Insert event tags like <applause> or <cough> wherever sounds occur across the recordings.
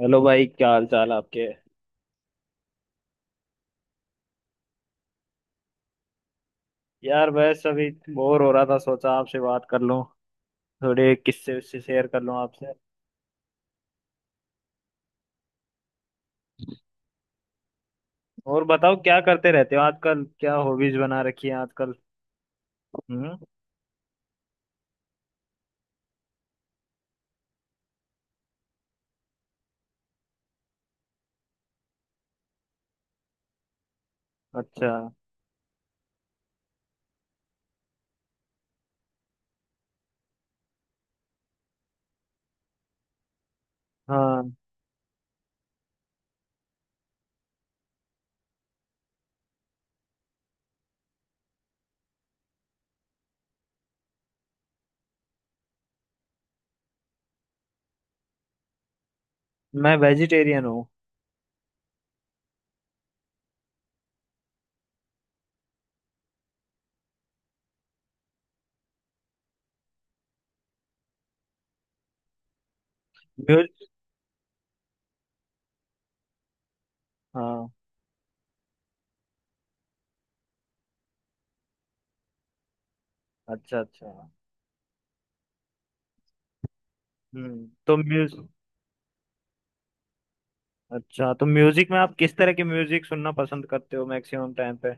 Hello भाई, क्या हाल चाल आपके? यार बस अभी बोर हो रहा था, सोचा आपसे बात कर लूं, थोड़े किस्से उससे शेयर कर लूं आपसे। और बताओ, क्या करते रहते हो आजकल? क्या हॉबीज बना रखी है आजकल? हम्म। अच्छा। हाँ, मैं वेजिटेरियन हूँ। म्यूज हाँ। अच्छा अच्छा। तो म्यूज अच्छा, तो म्यूजिक में आप किस तरह के म्यूजिक सुनना पसंद करते हो मैक्सिमम टाइम पे?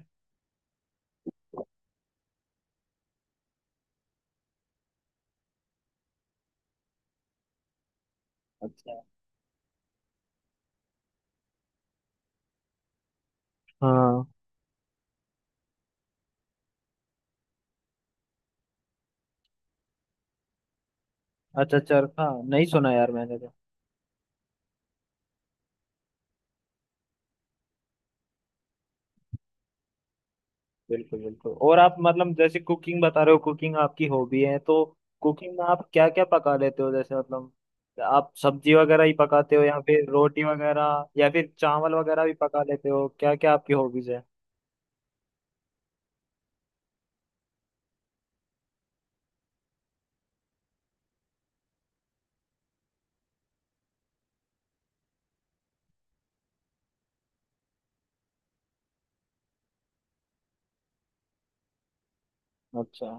अच्छा। हाँ। अच्छा, चरखा नहीं सुना यार मैंने तो। बिल्कुल बिल्कुल। और आप मतलब जैसे कुकिंग बता रहे हो, कुकिंग आपकी हॉबी है तो कुकिंग में आप क्या क्या पका लेते हो? जैसे मतलब आप सब्जी वगैरह ही पकाते हो या फिर रोटी वगैरह या फिर चावल वगैरह भी पका लेते हो? क्या क्या आपकी हॉबीज है? अच्छा।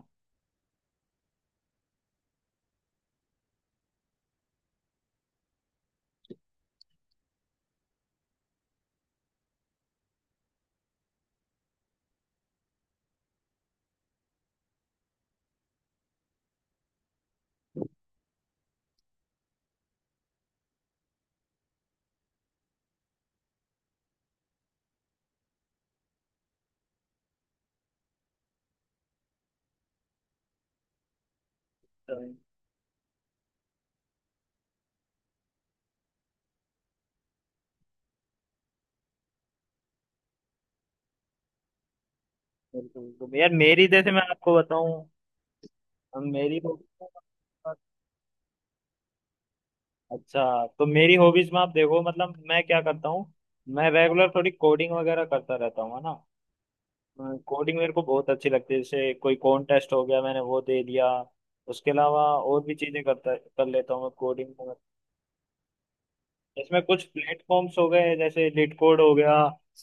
बिल्कुल बिल्कुल यार, मेरी जैसे मैं आपको बताऊं, हम मेरी हॉबीज अच्छा, तो मेरी हॉबीज में आप देखो मतलब मैं क्या करता हूँ। मैं रेगुलर थोड़ी कोडिंग वगैरह करता रहता हूँ है ना। कोडिंग मेरे को बहुत अच्छी लगती है। जैसे कोई कॉन्टेस्ट हो गया, मैंने वो दे दिया। उसके अलावा और भी चीजें करता कर लेता हूँ मैं कोडिंग में। इसमें कुछ प्लेटफॉर्म्स हो गए, जैसे लिट कोड हो गया,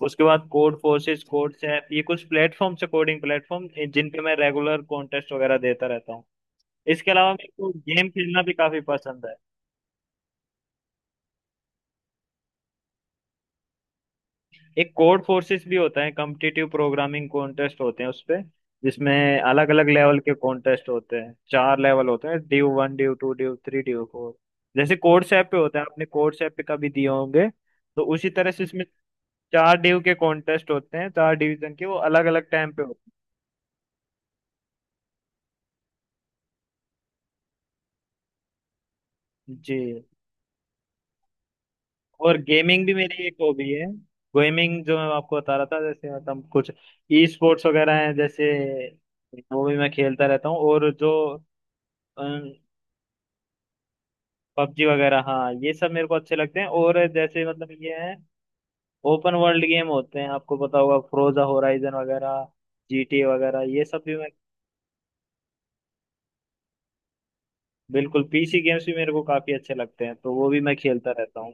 उसके बाद कोड फोर्सेस, कोड सैप, ये कुछ प्लेटफॉर्म्स है कोडिंग प्लेटफॉर्म, जिन पे मैं रेगुलर कॉन्टेस्ट वगैरह देता रहता हूँ। इसके अलावा मेरे को गेम खेलना भी काफी पसंद है। एक कोड फोर्सेस भी होता है, कॉम्पिटिटिव प्रोग्रामिंग कॉन्टेस्ट होते हैं उसपे, जिसमें अलग अलग लेवल के कॉन्टेस्ट होते हैं। चार लेवल होते हैं, div one, div two, div three, div four. जैसे कोड सैप पे होता है, आपने कोड सैप पे कभी दिए होंगे, तो उसी तरह से इसमें चार ड्यू के कॉन्टेस्ट होते हैं, चार डिवीजन के, वो अलग अलग टाइम पे होते हैं। जी। और गेमिंग भी मेरी एक हॉबी है। गेमिंग जो मैं आपको बता रहा था, जैसे मतलब कुछ ई स्पोर्ट्स वगैरह हैं, जैसे वो भी मैं खेलता रहता हूँ। और जो पबजी वगैरह, हाँ, ये सब मेरे को अच्छे लगते हैं। और जैसे मतलब ये है, ओपन वर्ल्ड गेम होते हैं, आपको पता होगा, फ्रोजा होराइजन वगैरह, जीटीए वगैरह, ये सब भी मैं, बिल्कुल पीसी गेम्स भी मेरे को काफी अच्छे लगते हैं, तो वो भी मैं खेलता रहता हूँ।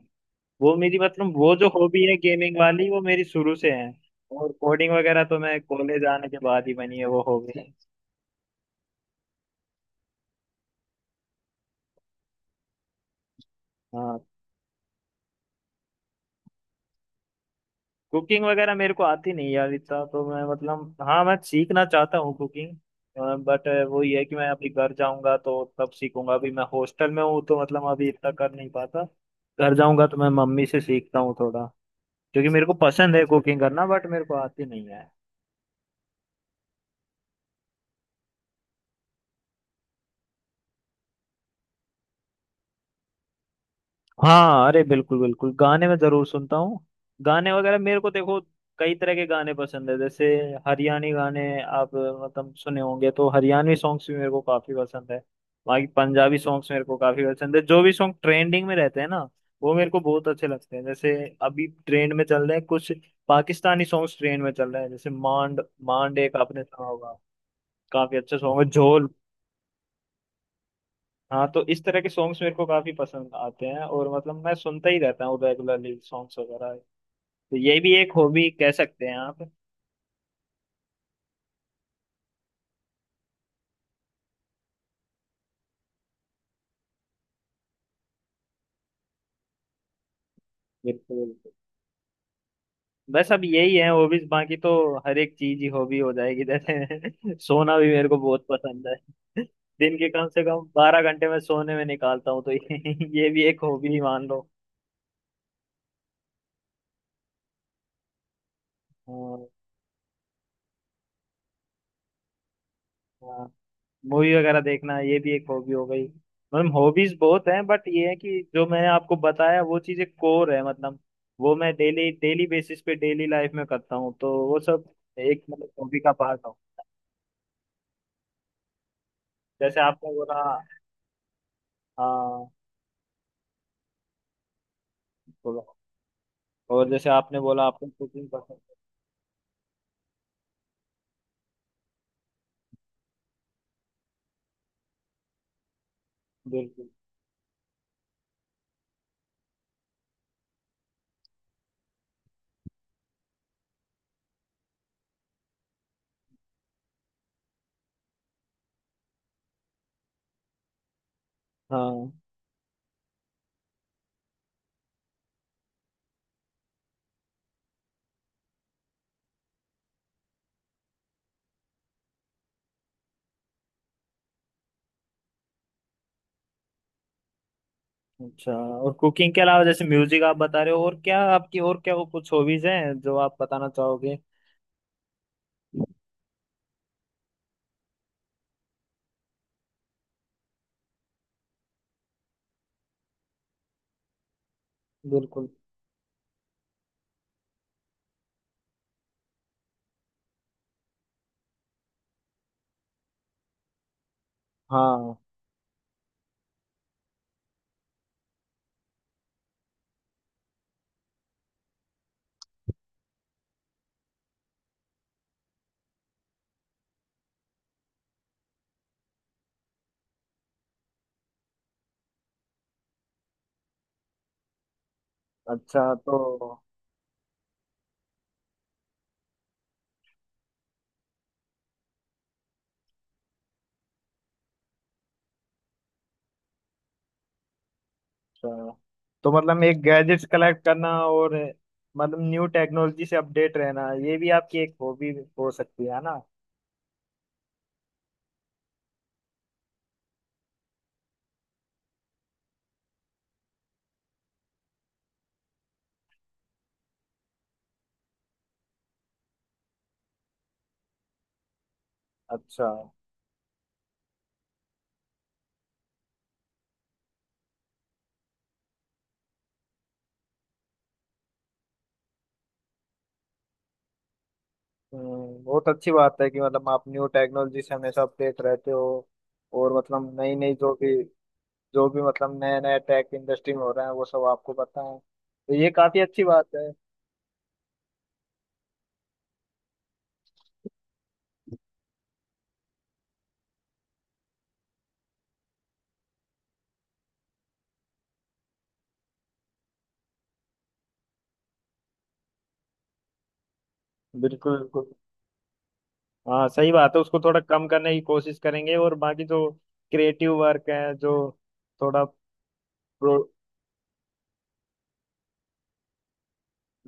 वो मेरी मतलब, वो जो हॉबी है गेमिंग वाली, वो मेरी शुरू से है। और कोडिंग वगैरह तो मैं कॉलेज आने के बाद ही बनी है वो हॉबी। हाँ। कुकिंग वगैरह मेरे को आती नहीं यार, इतना तो मैं मतलब, हाँ मैं सीखना चाहता हूँ कुकिंग, बट वो ये है कि मैं अभी घर जाऊंगा तो तब सीखूंगा। अभी मैं हॉस्टल में हूँ तो मतलब अभी इतना कर नहीं पाता। घर जाऊंगा तो मैं मम्मी से सीखता हूँ थोड़ा, क्योंकि मेरे को पसंद है कुकिंग करना, बट मेरे को आती नहीं है। हाँ अरे बिल्कुल बिल्कुल, गाने मैं जरूर सुनता हूँ। गाने वगैरह मेरे को देखो, कई तरह के गाने पसंद है। जैसे हरियाणी गाने आप मतलब सुने होंगे, तो हरियाणवी सॉन्ग्स भी मेरे को काफी पसंद है। बाकी पंजाबी सॉन्ग्स मेरे को काफी पसंद है। जो भी सॉन्ग ट्रेंडिंग में रहते हैं ना, वो मेरे को बहुत अच्छे लगते हैं। जैसे अभी ट्रेंड में चल रहे हैं कुछ पाकिस्तानी सॉन्ग्स ट्रेंड में चल रहे हैं, जैसे मांड, मांड एक आपने सुना होगा, काफी अच्छा सॉन्ग है, झोल। हाँ, तो इस तरह के सॉन्ग्स मेरे को काफी पसंद आते हैं, और मतलब मैं सुनता ही रहता हूँ रेगुलरली सॉन्ग्स वगैरह, तो ये भी एक हॉबी कह सकते हैं आप। बिल्कुल बिल्कुल। बस अब यही है हॉबीज, बाकी तो हर एक चीज ही हॉबी हो जाएगी। जैसे <laughs> सोना भी मेरे को बहुत पसंद है, दिन के कम से कम 12 घंटे में सोने में निकालता हूँ, तो ये <laughs> ये भी एक हॉबी ही मान लो। हाँ हाँ। मूवी वगैरह देखना ये भी एक हॉबी हो गई, मतलब हॉबीज बहुत हैं। बट ये है कि जो मैंने आपको बताया, वो चीजें कोर है मतलब, वो मैं डेली डेली बेसिस पे डेली लाइफ में करता हूँ, तो वो सब एक मतलब हॉबी का पार्ट हो, जैसे आपने बोला। हाँ। बोलो। और जैसे आपने बोला आपको कुकिंग पसंद है, बिल्कुल। हाँ। अच्छा, और कुकिंग के अलावा जैसे म्यूजिक आप बता रहे हो, और क्या आपकी, और क्या वो कुछ हॉबीज हैं जो आप बताना चाहोगे? बिल्कुल। हाँ। अच्छा। अच्छा तो मतलब एक गैजेट्स कलेक्ट करना, और मतलब न्यू टेक्नोलॉजी से अपडेट रहना, ये भी आपकी एक हॉबी हो सकती है ना। अच्छा। बहुत अच्छी बात है कि मतलब आप न्यू टेक्नोलॉजी से हमेशा अपडेट रहते हो। और मतलब नई नई जो भी, मतलब नया नया टेक इंडस्ट्री में हो रहा है, वो सब आपको पता है, तो ये काफी अच्छी बात है। बिल्कुल बिल्कुल। हाँ सही बात है, उसको थोड़ा कम करने की कोशिश करेंगे। और बाकी जो क्रिएटिव वर्क है, जो थोड़ा प्रो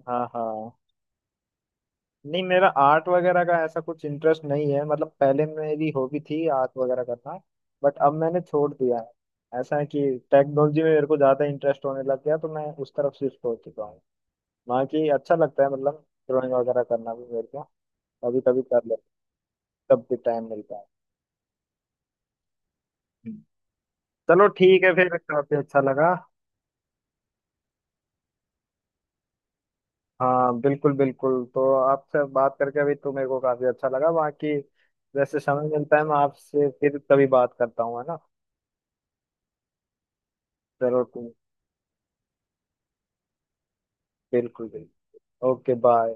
हाँ हाँ। नहीं, मेरा आर्ट वगैरह का ऐसा कुछ इंटरेस्ट नहीं है। मतलब पहले मेरी हॉबी थी आर्ट वगैरह करना, बट अब मैंने छोड़ दिया है। ऐसा है कि टेक्नोलॉजी में मेरे को ज्यादा इंटरेस्ट होने लग गया, तो मैं उस तरफ शिफ्ट हो चुका हूँ। बाकी अच्छा लगता है मतलब, ड्राइंग वगैरह करना भी मेरे को कभी कभी कर लेता, जब भी टाइम मिलता है। हम्म। चलो ठीक है, फिर काफी अच्छा लगा। हाँ बिल्कुल बिल्कुल, तो आपसे बात करके अभी तो मेरे को काफी अच्छा लगा। बाकी जैसे समय मिलता है, मैं आपसे फिर कभी बात करता हूँ, है ना। चलो ठीक- बिल्कुल बिल्कुल। Okay bye.